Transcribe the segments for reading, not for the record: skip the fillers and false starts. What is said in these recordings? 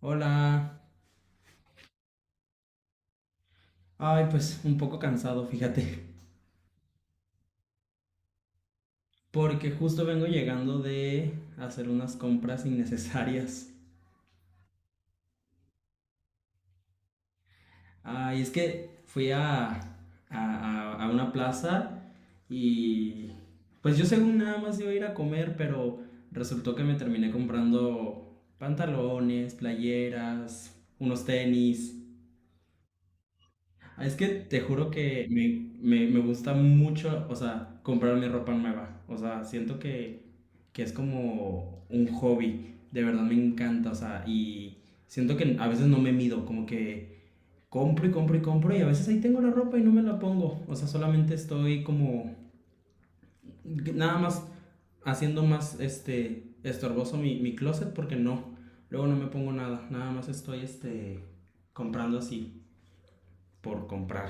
Hola. Ay, pues un poco cansado, fíjate. Porque justo vengo llegando de hacer unas compras innecesarias. Ay, es que fui a una plaza y pues yo según nada más iba a ir a comer, pero resultó que me terminé comprando pantalones, playeras, unos tenis. Ah, es que te juro que me gusta mucho, o sea, comprar mi ropa nueva. O sea, siento que es como un hobby. De verdad me encanta, o sea, y siento que a veces no me mido, como que compro y compro y compro y a veces ahí tengo la ropa y no me la pongo. O sea, solamente estoy como nada más haciendo más este estorboso mi closet porque no, luego no me pongo nada, nada más estoy este comprando así por comprar.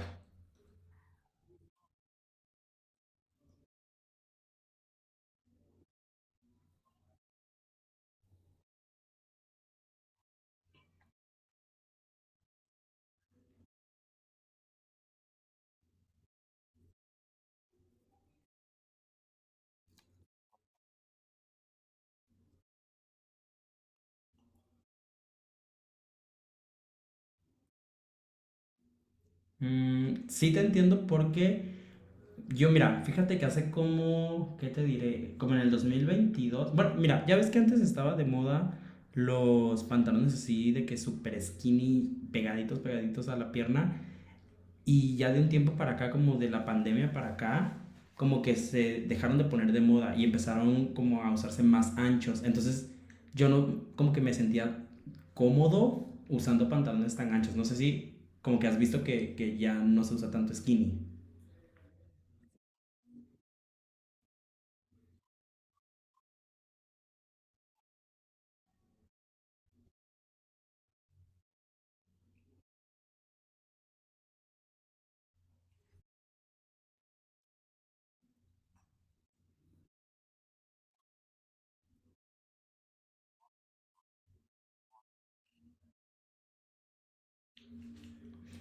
Mm, sí te entiendo porque yo, mira, fíjate que hace como, ¿qué te diré? Como en el 2022. Bueno, mira, ya ves que antes estaba de moda los pantalones así de que súper skinny, pegaditos, pegaditos a la pierna. Y ya de un tiempo para acá, como de la pandemia para acá, como que se dejaron de poner de moda y empezaron como a usarse más anchos. Entonces yo no, como que me sentía cómodo usando pantalones tan anchos. No sé si como que has visto que ya no se usa tanto skinny.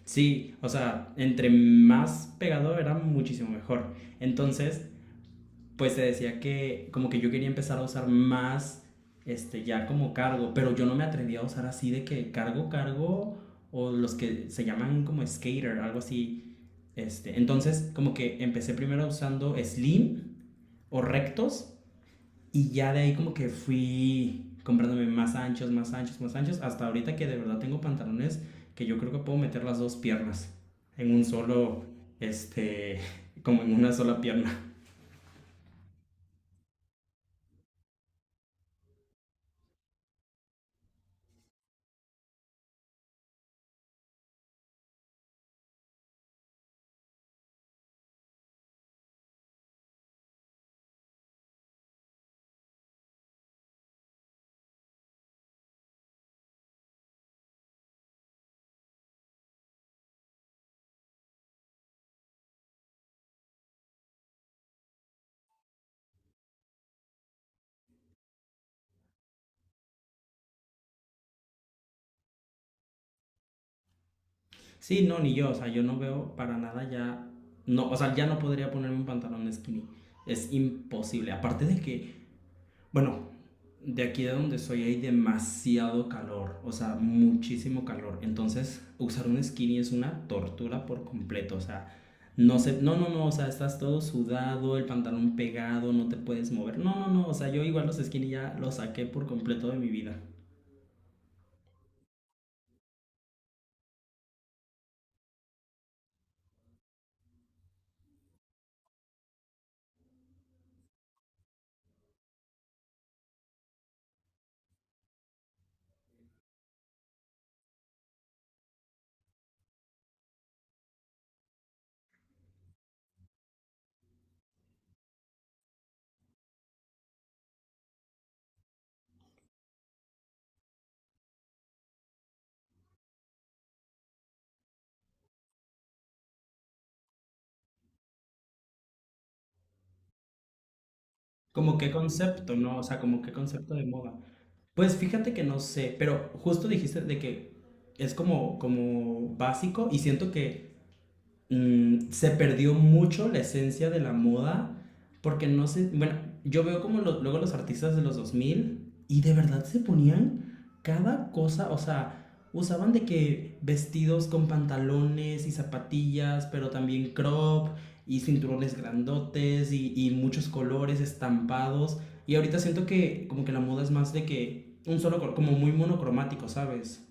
Sí, o sea, entre más pegado era muchísimo mejor. Entonces pues te decía que como que yo quería empezar a usar más, este, ya como cargo, pero yo no me atrevía a usar así de que cargo, cargo, o los que se llaman como skater, algo así. Este, entonces como que empecé primero usando slim o rectos y ya de ahí como que fui comprándome más anchos, más anchos, más anchos, hasta ahorita que de verdad tengo pantalones que yo creo que puedo meter las dos piernas en un solo, este, como en una sola pierna. Sí, no, ni yo, o sea, yo no veo para nada ya, no, o sea, ya no podría ponerme un pantalón skinny, es imposible, aparte de que, bueno, de aquí de donde soy hay demasiado calor, o sea, muchísimo calor, entonces usar un skinny es una tortura por completo, o sea, no sé, no, no, no, o sea, estás todo sudado, el pantalón pegado, no te puedes mover, no, no, no, o sea, yo igual los skinny ya los saqué por completo de mi vida. ¿Como qué concepto, no? O sea, como qué concepto de moda. Pues fíjate que no sé, pero justo dijiste de que es como, como básico y siento que mm, se perdió mucho la esencia de la moda porque no sé, bueno, yo veo como lo- luego los artistas de los 2000 y de verdad se ponían cada cosa, o sea, usaban de que vestidos con pantalones y zapatillas, pero también crop y cinturones grandotes y muchos colores estampados. Y ahorita siento que como que la moda es más de que un solo color, como muy monocromático, ¿sabes?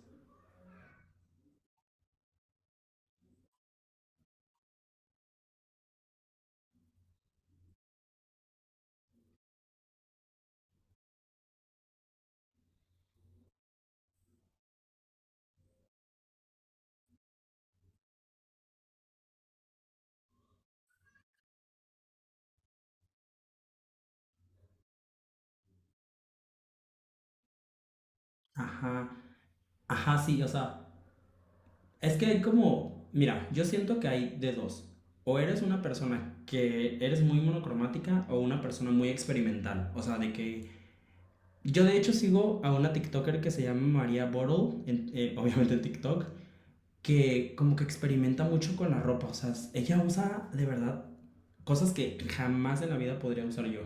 Ajá, ajá, sí, o sea, es que hay como, mira, yo siento que hay de dos. O eres una persona que eres muy monocromática o una persona muy experimental. O sea, de que yo de hecho sigo a una TikToker que se llama María Bottle, obviamente en TikTok, que como que experimenta mucho con la ropa. O sea, ella usa de verdad cosas que jamás en la vida podría usar yo.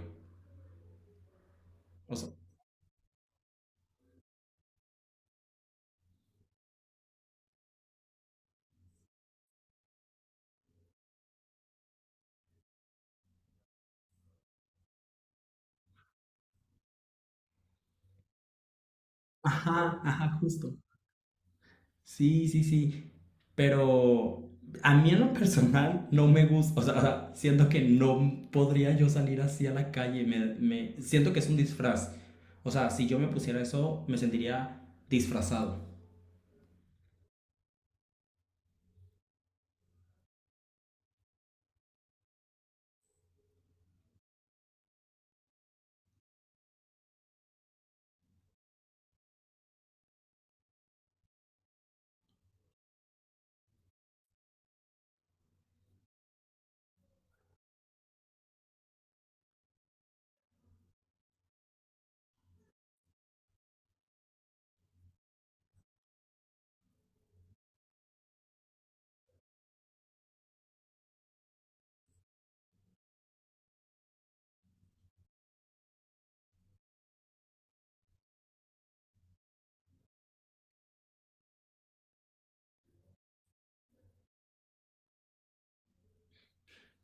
O sea, ajá, ajá, justo. Sí, sí, sí. Pero a mí en lo personal no me gusta, o sea, siento que no podría yo salir así a la calle, siento que es un disfraz. O sea, si yo me pusiera eso, me sentiría disfrazado.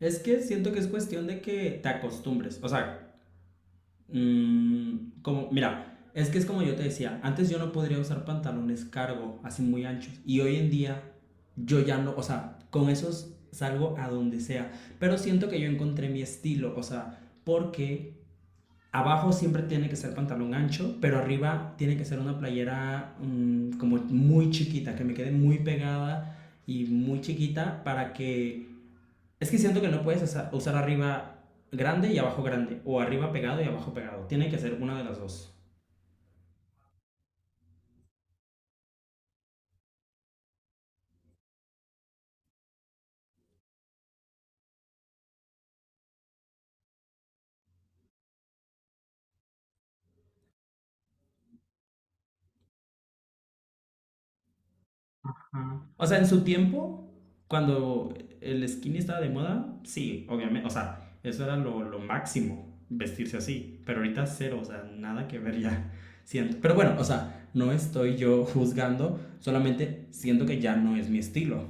Es que siento que es cuestión de que te acostumbres. O sea, mm, como, mira, es que es como yo te decía, antes yo no podría usar pantalones cargo, así muy anchos, y hoy en día yo ya no, o sea, con esos salgo a donde sea, pero siento que yo encontré mi estilo, o sea, porque abajo siempre tiene que ser pantalón ancho, pero arriba tiene que ser una playera mm, como muy chiquita, que me quede muy pegada y muy chiquita para que es que siento que no puedes usar, arriba grande y abajo grande, o arriba pegado y abajo pegado. Tiene que ser una de las dos. O sea, en su tiempo, cuando el skinny estaba de moda, sí, obviamente. O sea, eso era lo máximo, vestirse así. Pero ahorita cero, o sea, nada que ver ya. Siento. Pero bueno, o sea, no estoy yo juzgando, solamente siento que ya no es mi estilo.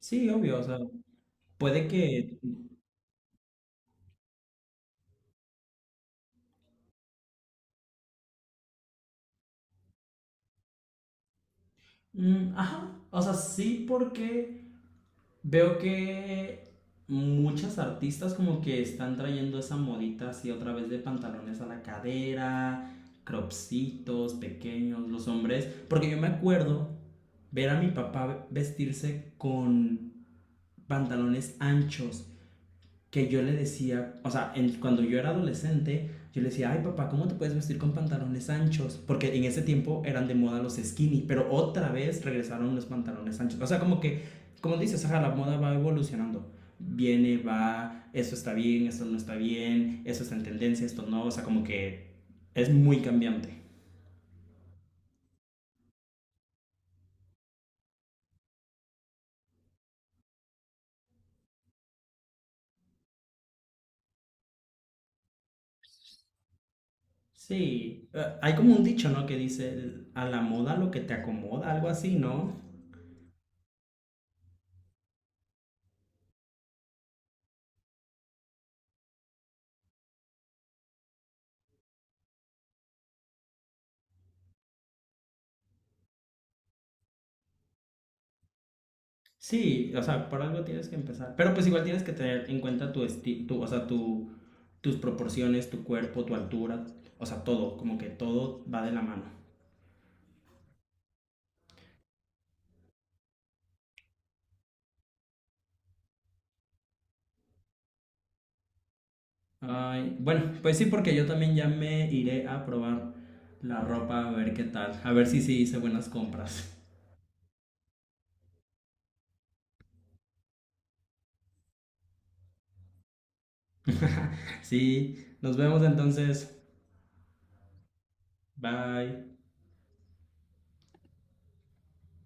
Sí, obvio, o sea, puede que... Mm, ajá, o sea, sí porque veo que muchas artistas como que están trayendo esa modita así otra vez de pantalones a la cadera, cropsitos pequeños, los hombres, porque yo me acuerdo ver a mi papá vestirse con pantalones anchos que yo le decía, o sea, cuando yo era adolescente, yo le decía, ay papá, ¿cómo te puedes vestir con pantalones anchos? Porque en ese tiempo eran de moda los skinny, pero otra vez regresaron los pantalones anchos. O sea, como que, como dices, ajá, la moda va evolucionando. Viene, va, eso está bien, eso no está bien, eso está en tendencia, esto no, o sea, como que es muy cambiante. Sí, hay como un dicho, ¿no? Que dice, a la moda lo que te acomoda, algo así, ¿no? Sí, o sea, por algo tienes que empezar. Pero pues igual tienes que tener en cuenta tu esti tu, o sea, tu, tus proporciones, tu cuerpo, tu altura, o sea, todo, como que todo va de la mano. Ay, bueno, pues sí, porque yo también ya me iré a probar la ropa, a ver qué tal, a ver si sí hice buenas compras. Sí, nos vemos entonces. Bye.